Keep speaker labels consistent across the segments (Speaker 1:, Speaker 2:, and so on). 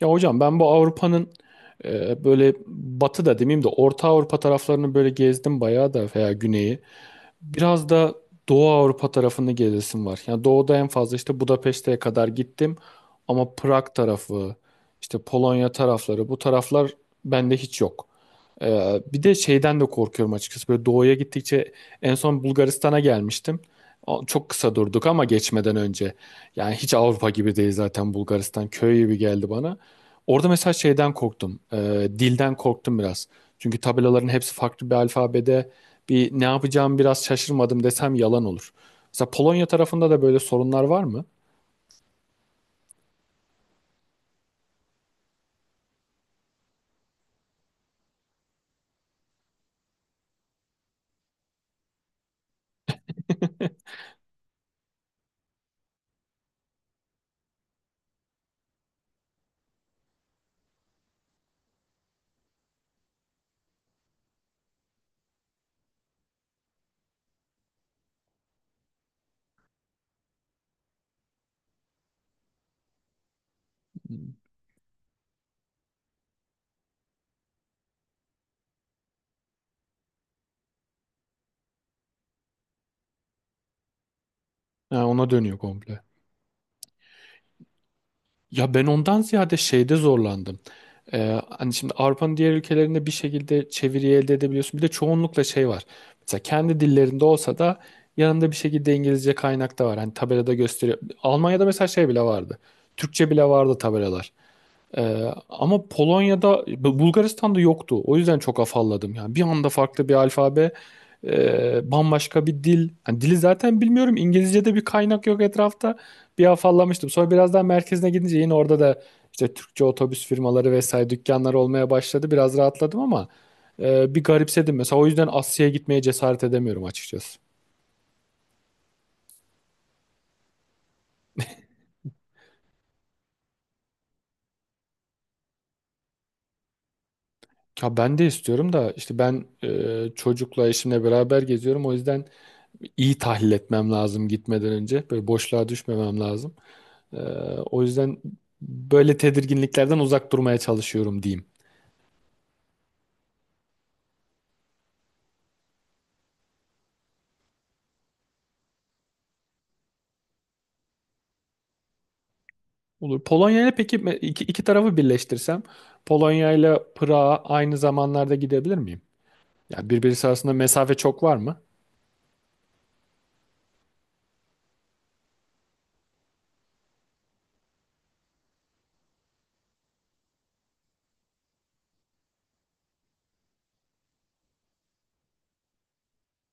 Speaker 1: Ya hocam ben bu Avrupa'nın böyle batı da demeyeyim de Orta Avrupa taraflarını böyle gezdim bayağı da veya güneyi. Biraz da Doğu Avrupa tarafını gezesim var. Yani doğuda en fazla işte Budapeşte'ye kadar gittim ama Prag tarafı, işte Polonya tarafları bu taraflar bende hiç yok. Bir de şeyden de korkuyorum açıkçası. Böyle doğuya gittikçe en son Bulgaristan'a gelmiştim. Çok kısa durduk ama geçmeden önce. Yani hiç Avrupa gibi değil zaten Bulgaristan. Köy gibi geldi bana. Orada mesela şeyden korktum. Dilden korktum biraz. Çünkü tabelaların hepsi farklı bir alfabede. Bir ne yapacağımı biraz şaşırmadım desem yalan olur. Mesela Polonya tarafında da böyle sorunlar var mı? Ha, ona dönüyor komple. Ya ben ondan ziyade şeyde zorlandım. Hani şimdi Avrupa'nın diğer ülkelerinde bir şekilde çeviriyi elde edebiliyorsun. Bir de çoğunlukla şey var. Mesela kendi dillerinde olsa da yanında bir şekilde İngilizce kaynak da var. Hani tabelada gösteriyor. Almanya'da mesela şey bile vardı. Türkçe bile vardı tabelalar. Ama Polonya'da, Bulgaristan'da yoktu. O yüzden çok afalladım. Yani bir anda farklı bir alfabe, bambaşka bir dil. Hani dili zaten bilmiyorum. İngilizce'de bir kaynak yok etrafta. Bir afallamıştım. Sonra biraz daha merkezine gidince yine orada da işte Türkçe otobüs firmaları vesaire dükkanlar olmaya başladı. Biraz rahatladım ama bir garipsedim. Mesela o yüzden Asya'ya gitmeye cesaret edemiyorum açıkçası. Ya ben de istiyorum da işte ben çocukla eşimle beraber geziyorum. O yüzden iyi tahlil etmem lazım gitmeden önce. Böyle boşluğa düşmemem lazım. Ee, O yüzden böyle tedirginliklerden uzak durmaya çalışıyorum diyeyim. Olur. Polonya ile peki iki tarafı birleştirsem Polonya ile Prag'a aynı zamanlarda gidebilir miyim? Yani birbirisi arasında mesafe çok var mı?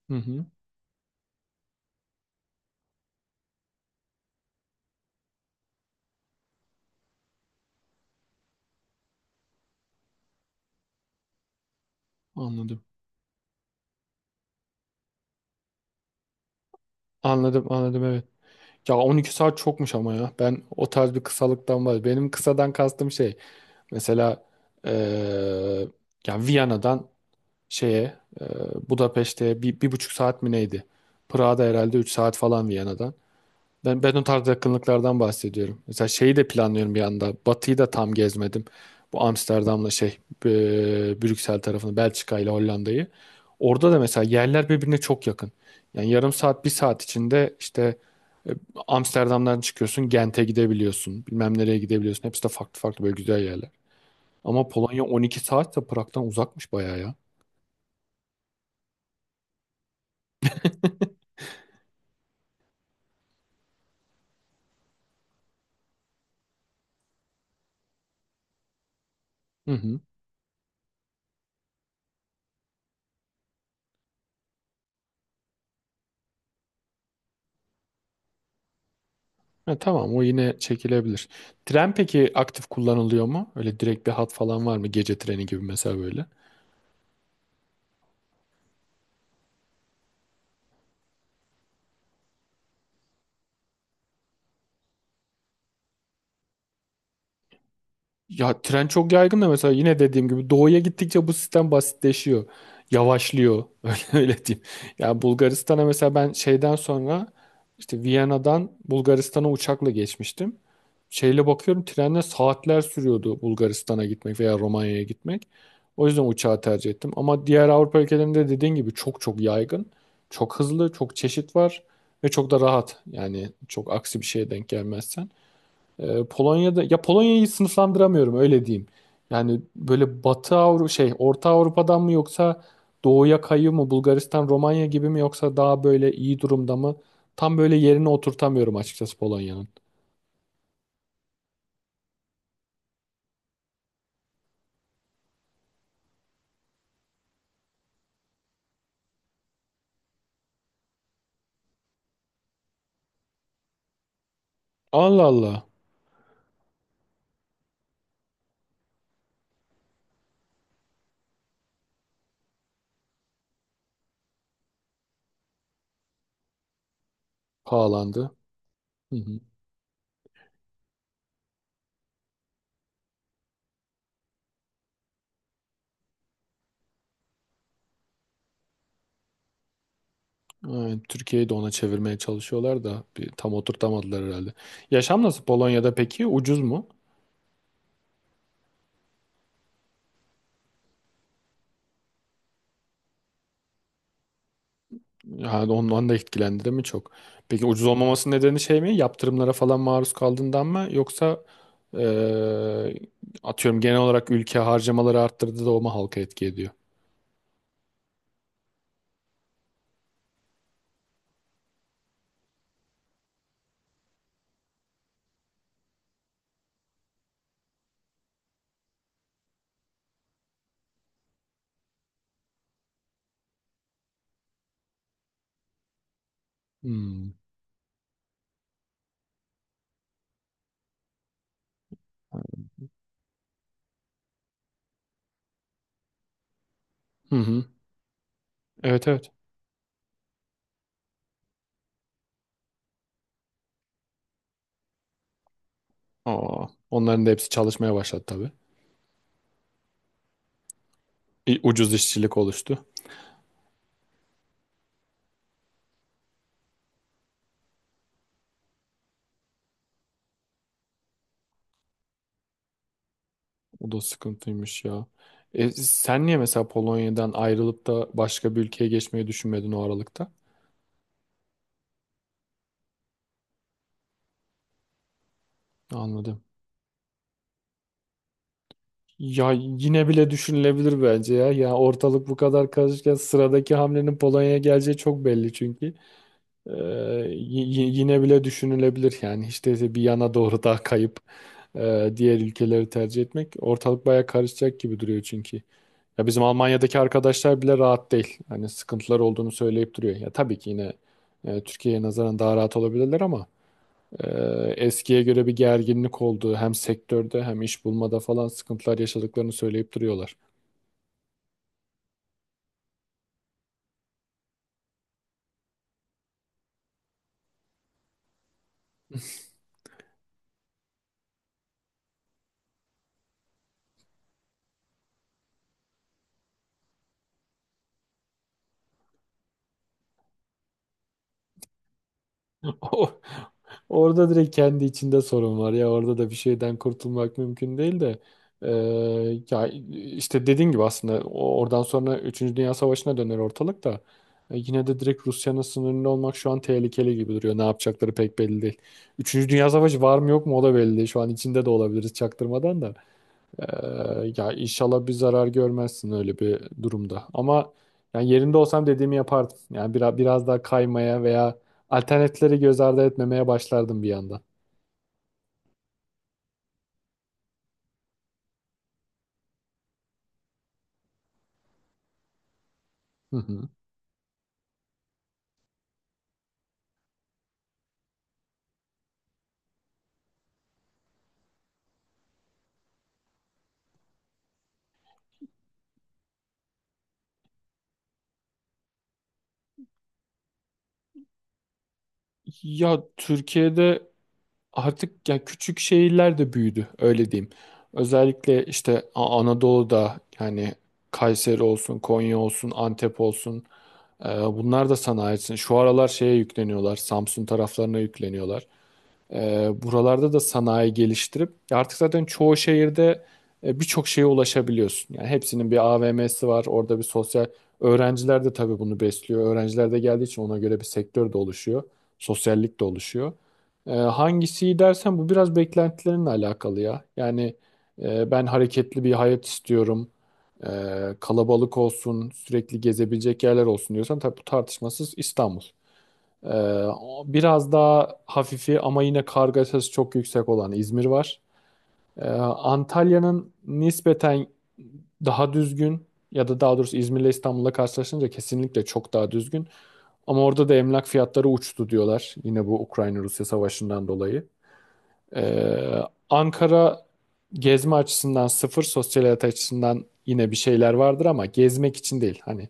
Speaker 1: Hı hı, anladım. Anladım, anladım evet. Ya 12 saat çokmuş ama ya. Ben o tarz bir kısalıktan var. Benim kısadan kastım şey. Mesela eee yani Viyana'dan şeye Budapeşte'ye 1,5 saat mi neydi? Prag'da herhalde 3 saat falan Viyana'dan. Ben o tarz yakınlıklardan bahsediyorum. Mesela şeyi de planlıyorum bir anda. Batı'yı da tam gezmedim. Bu Amsterdam'la şey e, Brüksel tarafını Belçika ile Hollanda'yı. Orada da mesela yerler birbirine çok yakın. Yani yarım saat bir saat içinde işte e, Amsterdam'dan çıkıyorsun Gent'e gidebiliyorsun. Bilmem nereye gidebiliyorsun. Hepsi de farklı farklı böyle güzel yerler. Ama Polonya 12 saat de Prag'dan uzakmış bayağı ya. Hı hı. Ha, tamam o yine çekilebilir. Tren peki aktif kullanılıyor mu? Öyle direkt bir hat falan var mı? Gece treni gibi mesela böyle. Ya tren çok yaygın da mesela yine dediğim gibi doğuya gittikçe bu sistem basitleşiyor. Yavaşlıyor. Öyle, öyle diyeyim. Ya Bulgaristan'a mesela ben şeyden sonra işte Viyana'dan Bulgaristan'a uçakla geçmiştim. Şeyle bakıyorum trenle saatler sürüyordu Bulgaristan'a gitmek veya Romanya'ya gitmek. O yüzden uçağı tercih ettim. Ama diğer Avrupa ülkelerinde dediğin gibi çok çok yaygın. Çok hızlı, çok çeşit var ve çok da rahat. Yani çok aksi bir şeye denk gelmezsen. Polonya'da ya Polonya'yı sınıflandıramıyorum öyle diyeyim. Yani böyle Batı Avrupa şey Orta Avrupa'dan mı yoksa doğuya kayıyor mu Bulgaristan Romanya gibi mi yoksa daha böyle iyi durumda mı? Tam böyle yerine oturtamıyorum açıkçası Polonya'nın. Allah Allah, pahalandı. Hı hı. Aynen, Türkiye'yi de ona çevirmeye çalışıyorlar da bir, tam oturtamadılar herhalde. Yaşam nasıl Polonya'da peki? Ucuz mu? Yani ondan da etkilendi mi çok? Peki ucuz olmaması nedeni şey mi? Yaptırımlara falan maruz kaldığından mı? Yoksa Ee, atıyorum genel olarak ülke harcamaları arttırdı da o mu halka etki ediyor? Hmm. Hı hı. Evet, evet. Aa, onların da hepsi çalışmaya başladı tabii. Bir ucuz işçilik oluştu. O da sıkıntıymış ya. Sen niye mesela Polonya'dan ayrılıp da başka bir ülkeye geçmeyi düşünmedin o aralıkta? Anladım. Ya yine bile düşünülebilir bence ya. Ya ortalık bu kadar karışırken sıradaki hamlenin Polonya'ya geleceği çok belli çünkü. Ee, y- yine bile düşünülebilir yani hiç değilse bir yana doğru daha kayıp diğer ülkeleri tercih etmek, ortalık baya karışacak gibi duruyor çünkü. Ya bizim Almanya'daki arkadaşlar bile rahat değil. Hani sıkıntılar olduğunu söyleyip duruyor. Ya tabii ki yine Türkiye'ye nazaran daha rahat olabilirler ama e, eskiye göre bir gerginlik olduğu, hem sektörde hem iş bulmada falan sıkıntılar yaşadıklarını söyleyip duruyorlar. O- Orada direkt kendi içinde sorun var, ya orada da bir şeyden kurtulmak mümkün değil de ya işte dediğin gibi aslında oradan sonra üçüncü Dünya Savaşı'na döner ortalık da yine de direkt Rusya'nın sınırında olmak şu an tehlikeli gibi duruyor. Ne yapacakları pek belli değil. Üçüncü Dünya Savaşı var mı yok mu o da belli değil. Şu an içinde de olabiliriz çaktırmadan da. Ya inşallah bir zarar görmezsin öyle bir durumda. Ama yani yerinde olsam dediğimi yapardım. Yani biraz biraz daha kaymaya veya alternatifleri göz ardı etmemeye başlardım bir yandan. Hı hı. Ya Türkiye'de artık ya küçük şehirler de büyüdü öyle diyeyim. Özellikle işte Anadolu'da yani, Kayseri olsun, Konya olsun, Antep olsun. Bunlar da sanayisin. Şu aralar şeye yükleniyorlar. Samsun taraflarına yükleniyorlar. Buralarda da sanayi geliştirip artık zaten çoğu şehirde birçok şeye ulaşabiliyorsun. Yani hepsinin bir AVM'si var, orada bir sosyal öğrenciler de tabii bunu besliyor. Öğrenciler de geldiği için ona göre bir sektör de oluşuyor, sosyallik de oluşuyor. Hangisi iyi dersen bu biraz beklentilerinle alakalı ya. Yani ben hareketli bir hayat istiyorum. E, Kalabalık olsun, sürekli gezebilecek yerler olsun diyorsan tabii bu tartışmasız İstanbul. Ee, Biraz daha hafifi ama yine kargaşası çok yüksek olan İzmir var. Antalya'nın nispeten daha düzgün, ya da daha doğrusu İzmir'le İstanbul'la karşılaşınca kesinlikle çok daha düzgün. Ama orada da emlak fiyatları uçtu diyorlar. Yine bu Ukrayna-Rusya savaşından dolayı. Ee, Ankara gezme açısından sıfır, sosyal hayat açısından yine bir şeyler vardır ama gezmek için değil. Hani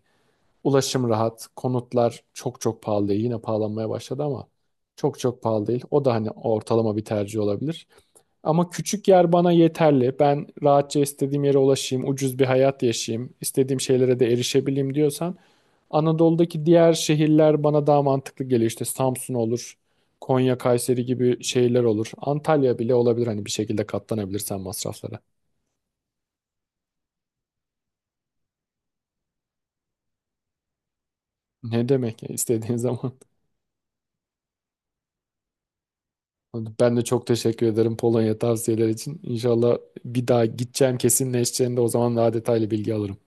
Speaker 1: ulaşım rahat, konutlar çok çok pahalı değil. Yine pahalanmaya başladı ama çok çok pahalı değil. O da hani ortalama bir tercih olabilir. Ama küçük yer bana yeterli. Ben rahatça istediğim yere ulaşayım, ucuz bir hayat yaşayayım, istediğim şeylere de erişebileyim diyorsan Anadolu'daki diğer şehirler bana daha mantıklı geliyor. İşte Samsun olur, Konya, Kayseri gibi şehirler olur. Antalya bile olabilir hani bir şekilde katlanabilirsen masraflara. Ne demek, ya istediğin zaman. Ben de çok teşekkür ederim Polonya tavsiyeler için. İnşallah bir daha gideceğim kesinleşeceğinde o zaman daha detaylı bilgi alırım.